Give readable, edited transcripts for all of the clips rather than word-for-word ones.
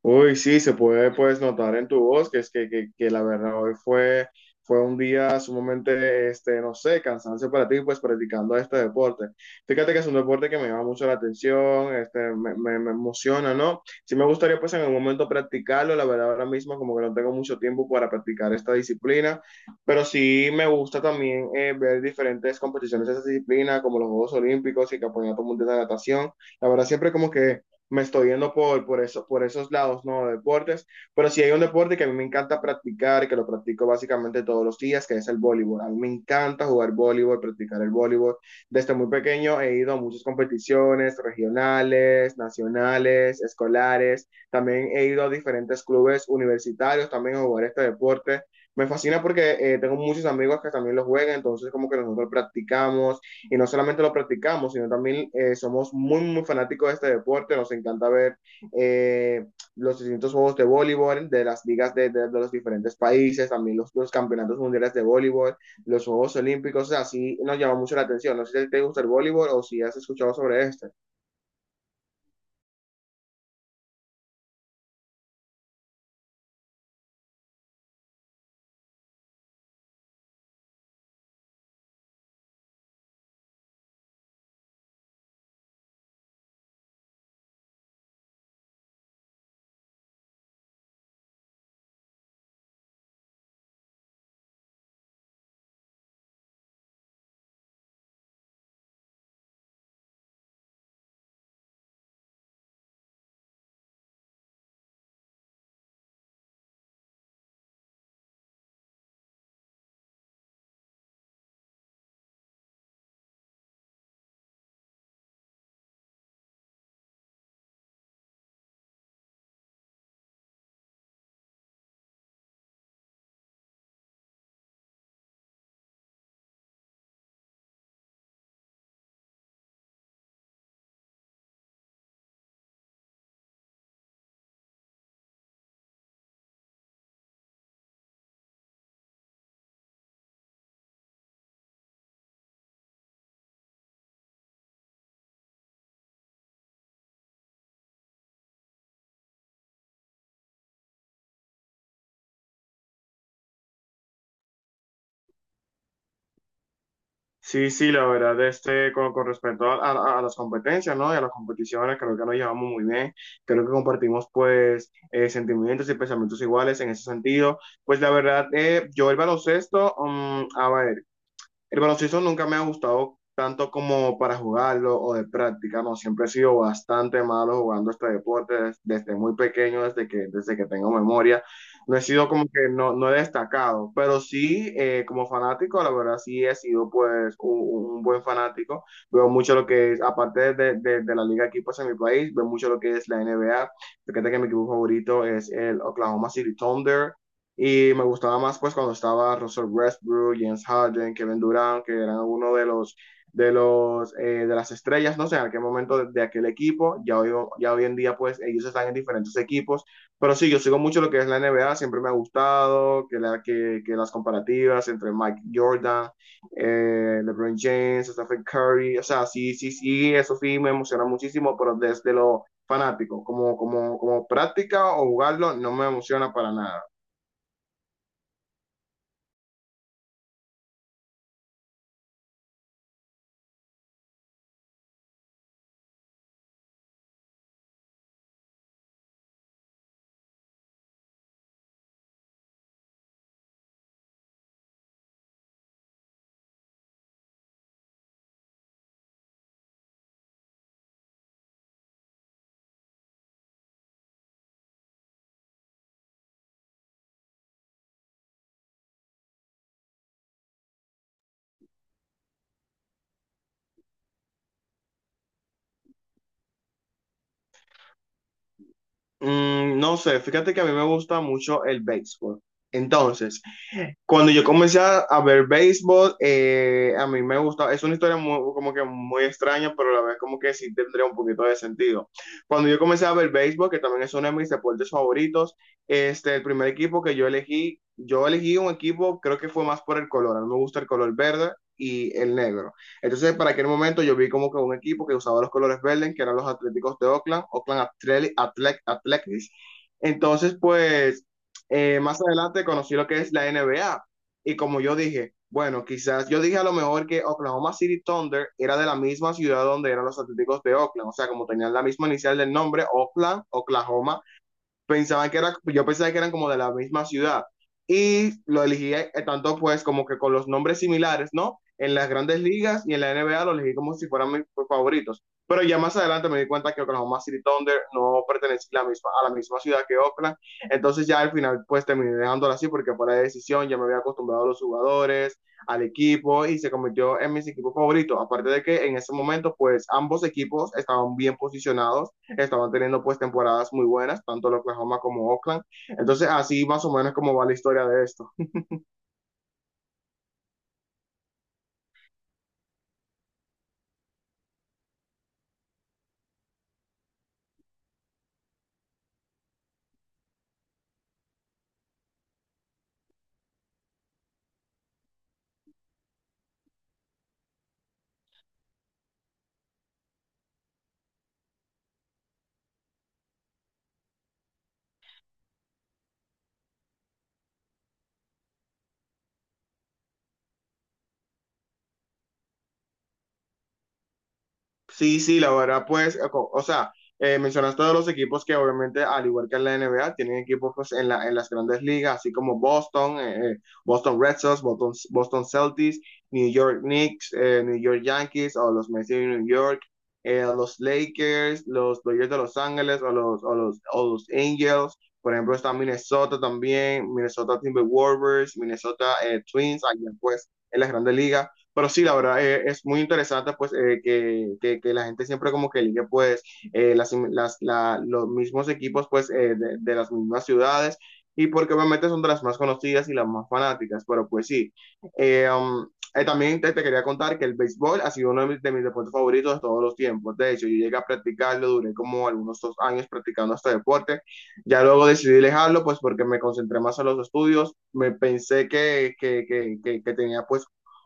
Uy, sí, se puede pues notar en tu voz que es que la verdad fue un día sumamente, no sé, cansancio para ti pues practicando este deporte. Fíjate que es un deporte que me llama mucho la atención, me emociona, ¿no? Sí me gustaría pues en algún momento practicarlo, la verdad ahora mismo como que no tengo mucho tiempo para practicar esta disciplina, pero sí me gusta también ver diferentes competiciones de esa disciplina como los Juegos Olímpicos y Campeonato Mundial de Natación. La verdad siempre como que me estoy yendo eso, por esos lados, ¿no? De deportes. Pero sí hay un deporte que a mí me encanta practicar, que lo practico básicamente todos los días, que es el voleibol. A mí me encanta jugar voleibol, practicar el voleibol. Desde muy pequeño he ido a muchas competiciones regionales, nacionales, escolares. También he ido a diferentes clubes universitarios también a jugar este deporte. Me fascina porque tengo muchos amigos que también lo juegan, entonces como que nosotros practicamos, y no solamente lo practicamos, sino también somos muy, muy fanáticos de este deporte, nos encanta ver eh, los distintos juegos de voleibol de las ligas de los diferentes países, también campeonatos mundiales de voleibol, los Juegos Olímpicos, o sea, así nos llama mucho la atención. No sé si te gusta el voleibol o si has escuchado sobre este. Sí, sí, la verdad, con respecto a, a las competencias, ¿no? Y a las competiciones, creo que nos llevamos muy bien, creo que compartimos, pues, sentimientos y pensamientos iguales en ese sentido. Pues, la verdad, yo el baloncesto, a ver, el baloncesto nunca me ha gustado tanto como para jugarlo o de práctica, no, siempre he sido bastante malo jugando este deporte desde muy pequeño, desde que tengo memoria. No he sido como que no, no he destacado, pero sí como fanático, la verdad sí he sido un buen fanático. Veo mucho lo que es, aparte de, de la liga aquí equipos en mi país, veo mucho lo que es la NBA Fíjate que mi equipo favorito es el Oklahoma City Thunder. Y me gustaba más pues cuando estaba Russell Westbrook, James Harden, Kevin Durant, que eran uno de los de las estrellas, no sé, en aquel momento aquel equipo, ya hoy en día pues ellos están en diferentes equipos, pero sí, yo sigo mucho lo que es la NBA, siempre me ha gustado que las comparativas entre Mike Jordan, LeBron James, Stephen Curry, o sea, sí, sí, sí, eso sí me emociona muchísimo, pero desde lo fanático, como práctica o jugarlo, no me emociona para nada. Mm, no sé, fíjate que a mí me gusta mucho el béisbol. Entonces, cuando yo comencé a ver béisbol, a mí me gusta, es una historia muy, como que muy extraña, pero a la vez como que sí tendría un poquito de sentido. Cuando yo comencé a ver béisbol, que también es uno de mis deportes favoritos, el primer equipo que yo elegí un equipo, creo que fue más por el color, a mí me gusta el color verde y el negro. Entonces, para aquel momento yo vi como que un equipo que usaba los colores verdes, que eran los Atléticos de Oakland, Oakland Athletics. Entonces, pues más adelante conocí lo que es la NBA. Y como yo dije, bueno, quizás yo dije a lo mejor que Oklahoma City Thunder era de la misma ciudad donde eran los Atléticos de Oakland, o sea, como tenían la misma inicial del nombre, Oakland, Oklahoma, pensaban que era, yo pensaba que eran como de la misma ciudad y lo elegí tanto pues como que con los nombres similares, ¿no? En las grandes ligas y en la N B A lo elegí como si fueran mis favoritos. Pero ya más adelante me di cuenta que Oklahoma City Thunder no pertenecía a la misma ciudad que Oakland. Entonces ya al final pues terminé dejándolo así porque por la decisión ya me había acostumbrado a los jugadores, al equipo y se convirtió en mis equipos favoritos. Aparte de que en ese momento pues ambos equipos estaban bien posicionados, estaban teniendo pues temporadas muy buenas, tanto el Oklahoma como Oakland. Entonces así más o menos como va la historia de esto. Sí, sí, la verdad, pues, o sea, mencionaste todos los equipos que obviamente, al igual que en la NBA, tienen equipos pues, en las grandes ligas, así como Boston, Boston Red Sox, Boston Celtics, New York Knicks, New York Yankees o los Mets de New York, los Lakers, los Dodgers de Los Ángeles o los Angels. Por ejemplo, está Minnesota también, Minnesota Timberwolves, Minnesota Twins, allá pues en las grandes ligas. Pero sí, la verdad, es muy interesante pues que la gente siempre como que elige pues los mismos equipos pues de las mismas ciudades y porque obviamente son de las más conocidas y las más fanáticas, pero pues sí. Eh, um, también te quería contar que el béisbol ha sido uno de mis deportes favoritos de todos los tiempos. De hecho, yo llegué a practicarlo, duré como algunos 2 años practicando este deporte. Ya luego decidí dejarlo pues porque me concentré más en los estudios, me pensé que tenía pues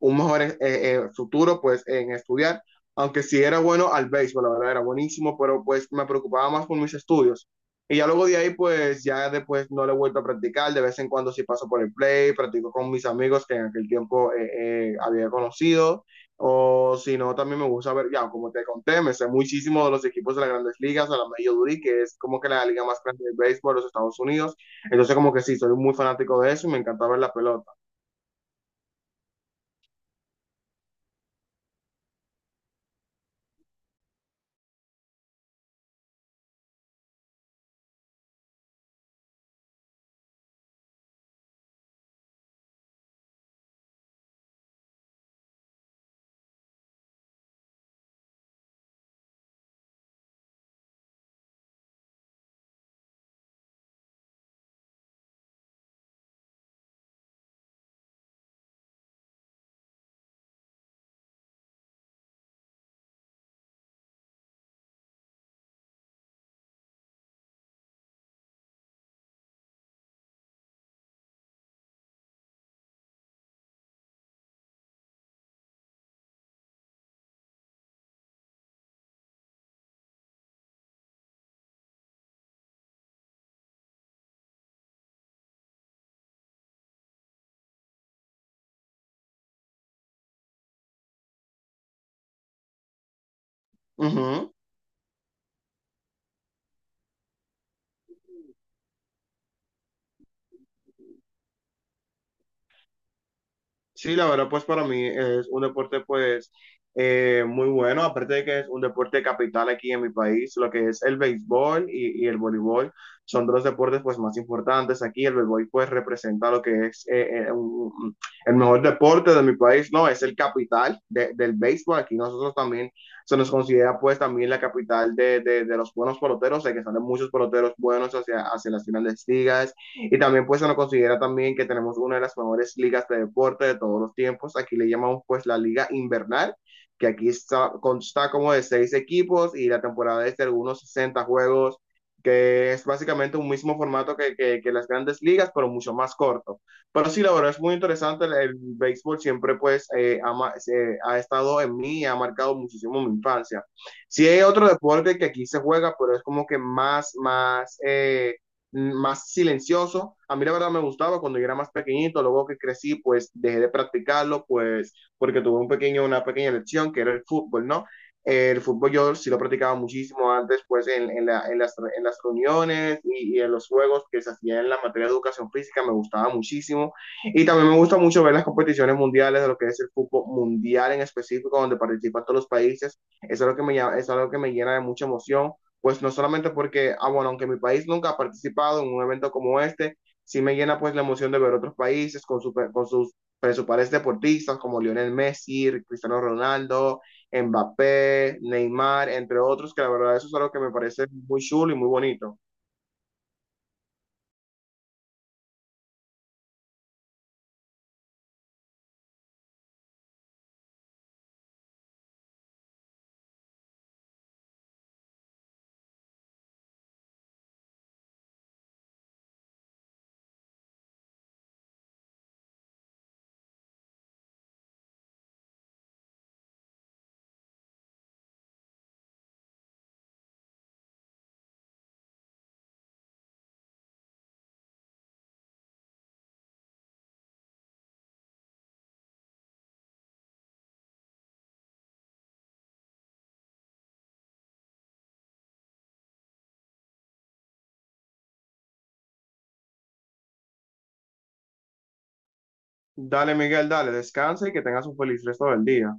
un mejor futuro pues en estudiar, aunque sí era bueno al béisbol, la verdad era buenísimo, pero pues me preocupaba más por mis estudios. Y ya luego de ahí pues ya después no lo he vuelto a practicar, de vez en cuando sí paso por el play, practico con mis amigos que en aquel tiempo había conocido, o si no también me gusta ver, ya como te conté, me sé muchísimo de los equipos de las grandes ligas, a la Major League, que es como que la liga más grande del béisbol de los Estados Unidos, entonces como que sí, soy muy fanático de eso y me encanta ver la pelota. Ujú. Sí, la verdad, pues para mí es un deporte pues muy bueno, aparte de que es un deporte capital aquí en mi país, lo que es el béisbol y el voleibol son dos deportes pues más importantes aquí, el béisbol pues representa lo que es un- el mejor deporte de mi país, no, es el capital del béisbol, aquí nosotros también se nos considera pues también la capital de, de los buenos peloteros, de que salen muchos peloteros buenos hacia, hacia las finales ligas y también pues se nos considera también que tenemos una de las mejores ligas de deporte de todos los tiempos. Aquí le llamamos pues la liga invernal, que aquí está, consta como de 6 equipos y la temporada es de algunos 60 juegos, que es básicamente un mismo formato que las grandes ligas, pero mucho más corto. Pero sí, la verdad es muy interesante, el béisbol siempre pues ha estado en mí y ha marcado muchísimo mi infancia. Sí hay otro deporte que aquí se juega, pero es como que más, más... más silencioso. A mí la verdad me gustaba cuando yo era más pequeñito, luego que crecí, pues dejé de practicarlo, pues porque tuve un pequeño, una pequeña lección que era el fútbol, ¿no? El fútbol yo sí lo practicaba muchísimo antes, pues en las reuniones en los juegos que se hacían en la materia de educación física, me gustaba muchísimo. Y también me gusta mucho ver las competiciones mundiales, de lo que es el fútbol mundial en específico, donde participan todos los países. Eso es lo que eso es lo que me llena de mucha emoción pues no solamente porque, ah, bueno, aunque mi país nunca ha participado en un evento como este, sí me llena pues la emoción de ver otros países con sus principales deportistas como Lionel Messi, Cristiano Ronaldo, Mbappé, Neymar, entre otros, que la verdad eso es algo que me parece muy chulo y muy bonito. Dale, Miguel, dale, descansa y que tengas un feliz resto del día.